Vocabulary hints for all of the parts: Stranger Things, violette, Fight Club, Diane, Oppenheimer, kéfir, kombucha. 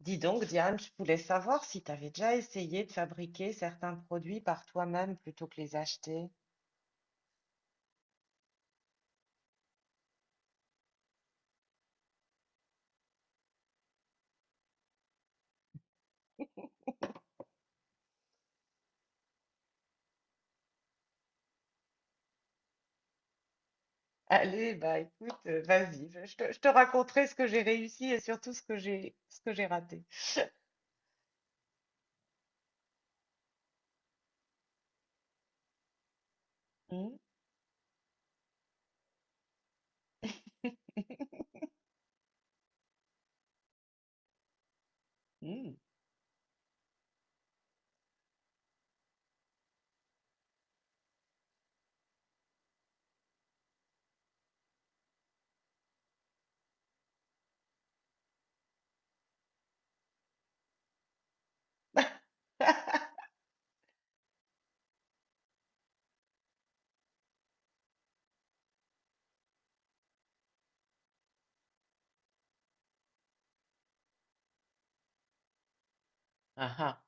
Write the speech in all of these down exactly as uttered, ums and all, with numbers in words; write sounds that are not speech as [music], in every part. Dis donc, Diane, je voulais savoir si tu avais déjà essayé de fabriquer certains produits par toi-même plutôt que les acheter. Allez, bah écoute, euh, vas-y, je je te, je te raconterai ce que j'ai réussi et surtout ce que j'ai ce que j'ai raté. Hmm, hmm. [laughs] Ah, ah.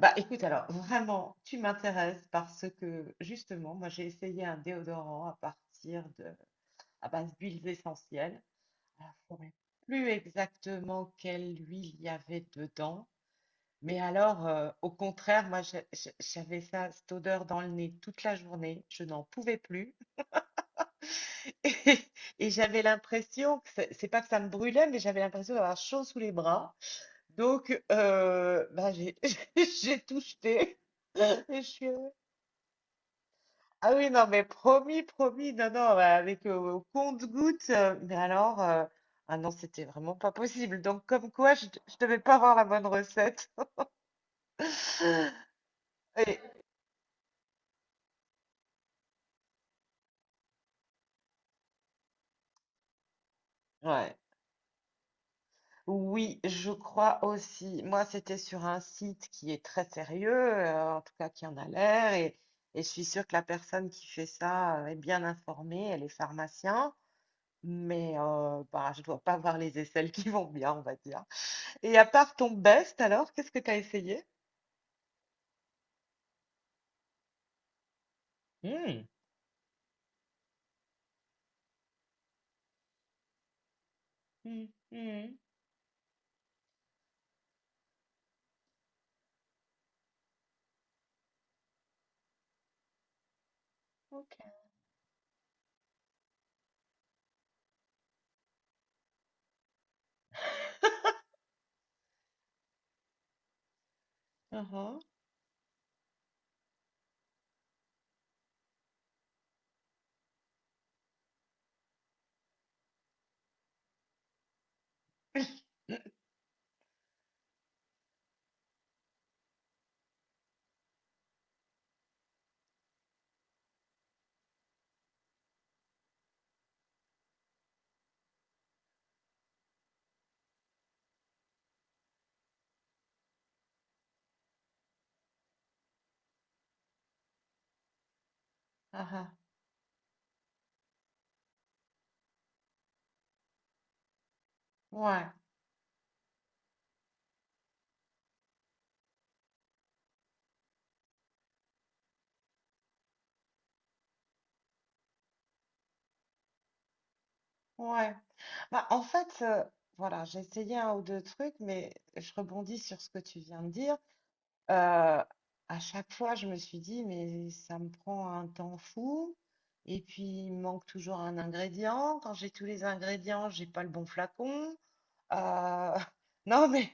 Bah écoute, alors vraiment, tu m'intéresses parce que justement, moi j'ai essayé un déodorant à partir de à base d'huiles essentielles. Alors, je saurais plus exactement quelle huile il y avait dedans. Mais alors, heu, au contraire, moi, je je j'avais ça cette odeur dans le nez toute la journée, je n'en pouvais plus [laughs] et et j'avais l'impression que c'est c'est pas que ça me brûlait, mais j'avais l'impression d'avoir chaud sous les bras. Donc heu, bah, j'ai [laughs] j'ai tout jeté [laughs] et je suis euh, ah oui, non, mais promis, promis, non, non, mais avec, heu, au compte-gouttes, heu, mais alors, heu, ah non, c'était vraiment pas possible. Donc comme quoi je je devais pas avoir la bonne recette et ouais. Oui, je crois aussi. Moi, c'était sur un site qui est très sérieux, euh, en tout cas qui en a l'air, et, et je suis sûre que la personne qui fait ça euh, est bien informée, elle est pharmacien, mais euh, bah, je dois pas voir les aisselles qui vont bien, on va dire. Et à part ton best, alors, qu'est-ce que tu as essayé? Hmm, hmm, hmm, ok. Uhum. Ah ah, [laughs] ouais, ouais. Bah, en fait, euh, voilà, j'ai essayé un ou deux trucs, mais je rebondis sur ce que tu viens de dire. Euh, à chaque fois, je me suis dit, mais ça me prend un temps fou. Et puis, il me manque toujours un ingrédient. Quand j'ai tous les ingrédients, j'ai pas le bon flacon. Euh, [laughs] non, mais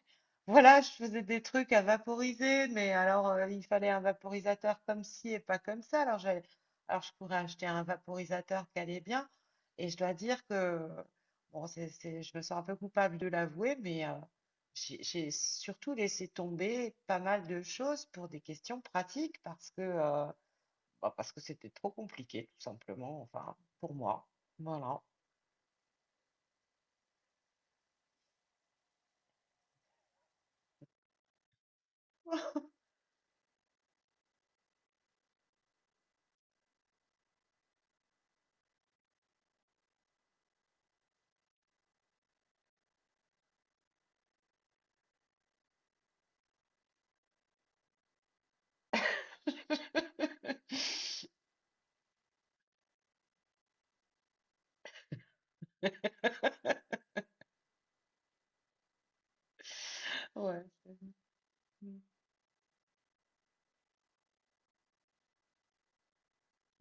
voilà, je faisais des trucs à vaporiser, mais alors euh, il fallait un vaporisateur comme ci et pas comme ça. Alors, j'allais- alors je pourrais acheter un vaporisateur qui allait bien. Et je dois dire que, bon, c'est, c'est- je me sens un peu coupable de l'avouer, mais euh, j'ai j'ai surtout laissé tomber pas mal de choses pour des questions pratiques parce que, euh, bah, parce que c'était trop compliqué, tout simplement, enfin, pour moi. Voilà. [laughs] [laughs] Ouais. c'est- Mm.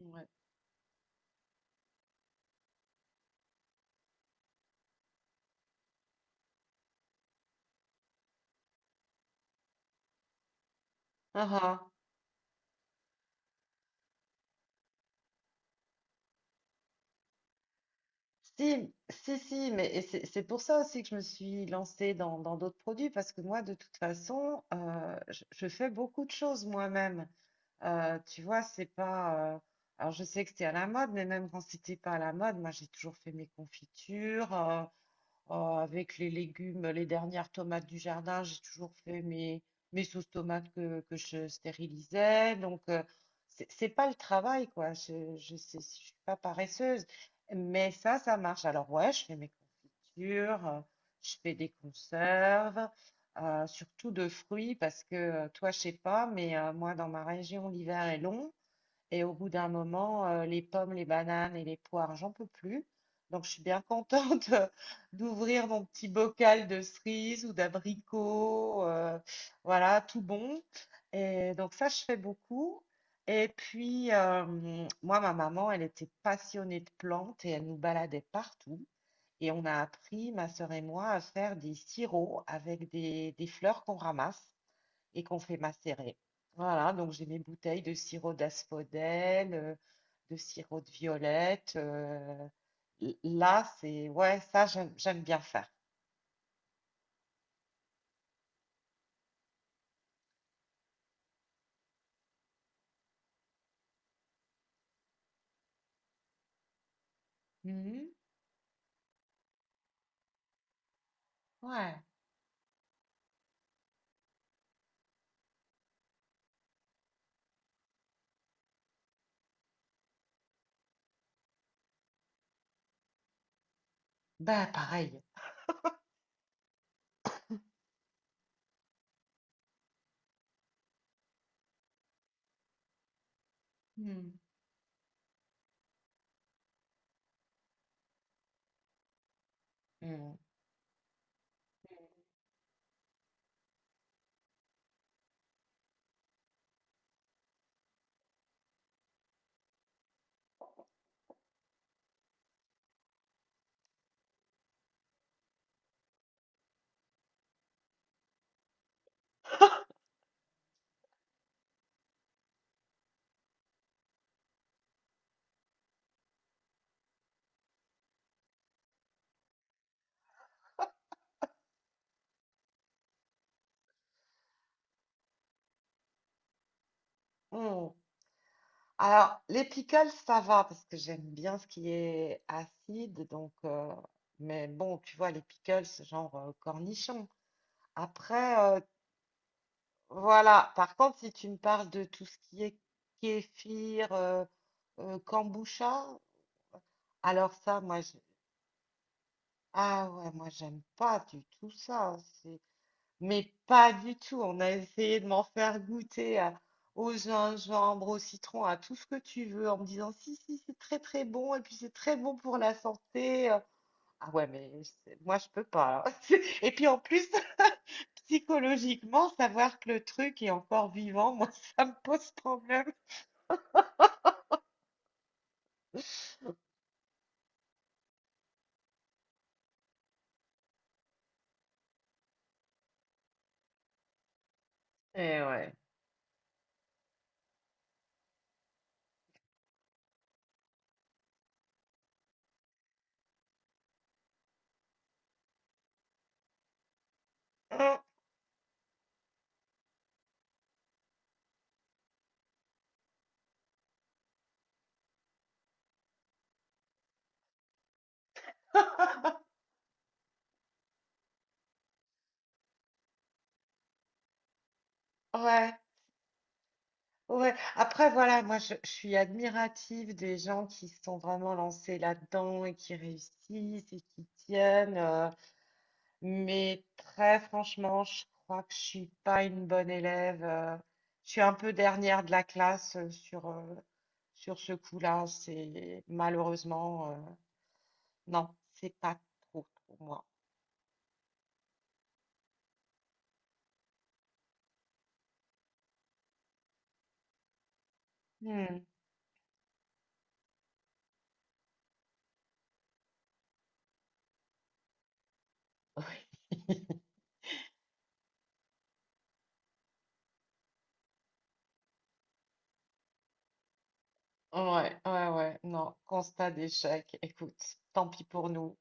Ouais. Ah ah. Si, si, si, mais et c'est c'est pour ça aussi que je me suis lancée dans dans d'autres produits, parce que moi, de toute façon, euh, je, je fais beaucoup de choses moi-même. Euh, tu vois, c'est pas. euh, alors, je sais que c'est à la mode, mais même quand c'était pas à la mode, moi, j'ai toujours fait mes confitures. euh, Euh, avec les légumes, les dernières tomates du jardin, j'ai toujours fait mes, mes sauces tomates que, que je stérilisais. Donc, euh, c'est c'est pas le travail, quoi. Je, je, sais- je suis pas paresseuse. Mais ça, ça marche. Alors, ouais, je fais mes confitures, euh, je fais des conserves, euh, surtout de fruits, parce que euh, toi, je sais pas, mais euh, moi, dans ma région, l'hiver est long. Et au bout d'un moment, euh, les pommes, les bananes et les poires, j'en peux plus. Donc, je suis bien contente [laughs] d'ouvrir mon petit bocal de cerises ou d'abricots, euh, voilà, tout bon. Et donc, ça, je fais beaucoup. Et puis, euh, moi, ma maman, elle était passionnée de plantes et elle nous baladait partout. Et on a appris, ma sœur et moi, à faire des sirops avec des, des fleurs qu'on ramasse et qu'on fait macérer. Voilà, donc j'ai mes bouteilles de sirop d'asphodèle, euh, de sirop de violette. euh, l- là, c'est ouais, ça j'aime j'aime bien faire. Mhm. Ouais, ben pareil. Mhm. Mhm. Mm. [coughs] Alors, les pickles, ça va parce que j'aime bien ce qui est acide, donc euh, mais bon, tu vois, les pickles, genre euh, cornichons. Après, euh, voilà. Par contre, si tu me parles de tout ce qui est kéfir, euh, euh, kombucha, alors ça, moi, je... ah ouais, moi, j'aime pas du tout ça. C'est... Mais pas du tout. On a essayé de m'en faire goûter à- Au gingembre, au citron, à tout ce que tu veux, en me disant si, si, c'est très, très bon, et puis c'est très bon pour la santé. euh, ah ouais, mais c'est- moi, je peux pas. [laughs] Et puis en plus, [laughs] psychologiquement, savoir que le truc est encore vivant, moi, [laughs] ça me pose problème. Eh ouais. Hum, ouais, ouais. Après, voilà, moi, je, je suis admirative des gens qui se sont vraiment lancés là-dedans et qui réussissent et qui tiennent. euh, Mais très franchement, je crois que je suis pas une bonne élève. euh, Je suis un peu dernière de la classe euh, sur, euh, sur ce coup-là. C'est malheureusement, euh, non, c'est pas trop pour moi. Hmm. [laughs] Ouais, ouais, ouais, non, constat d'échec. Écoute, tant pis pour nous.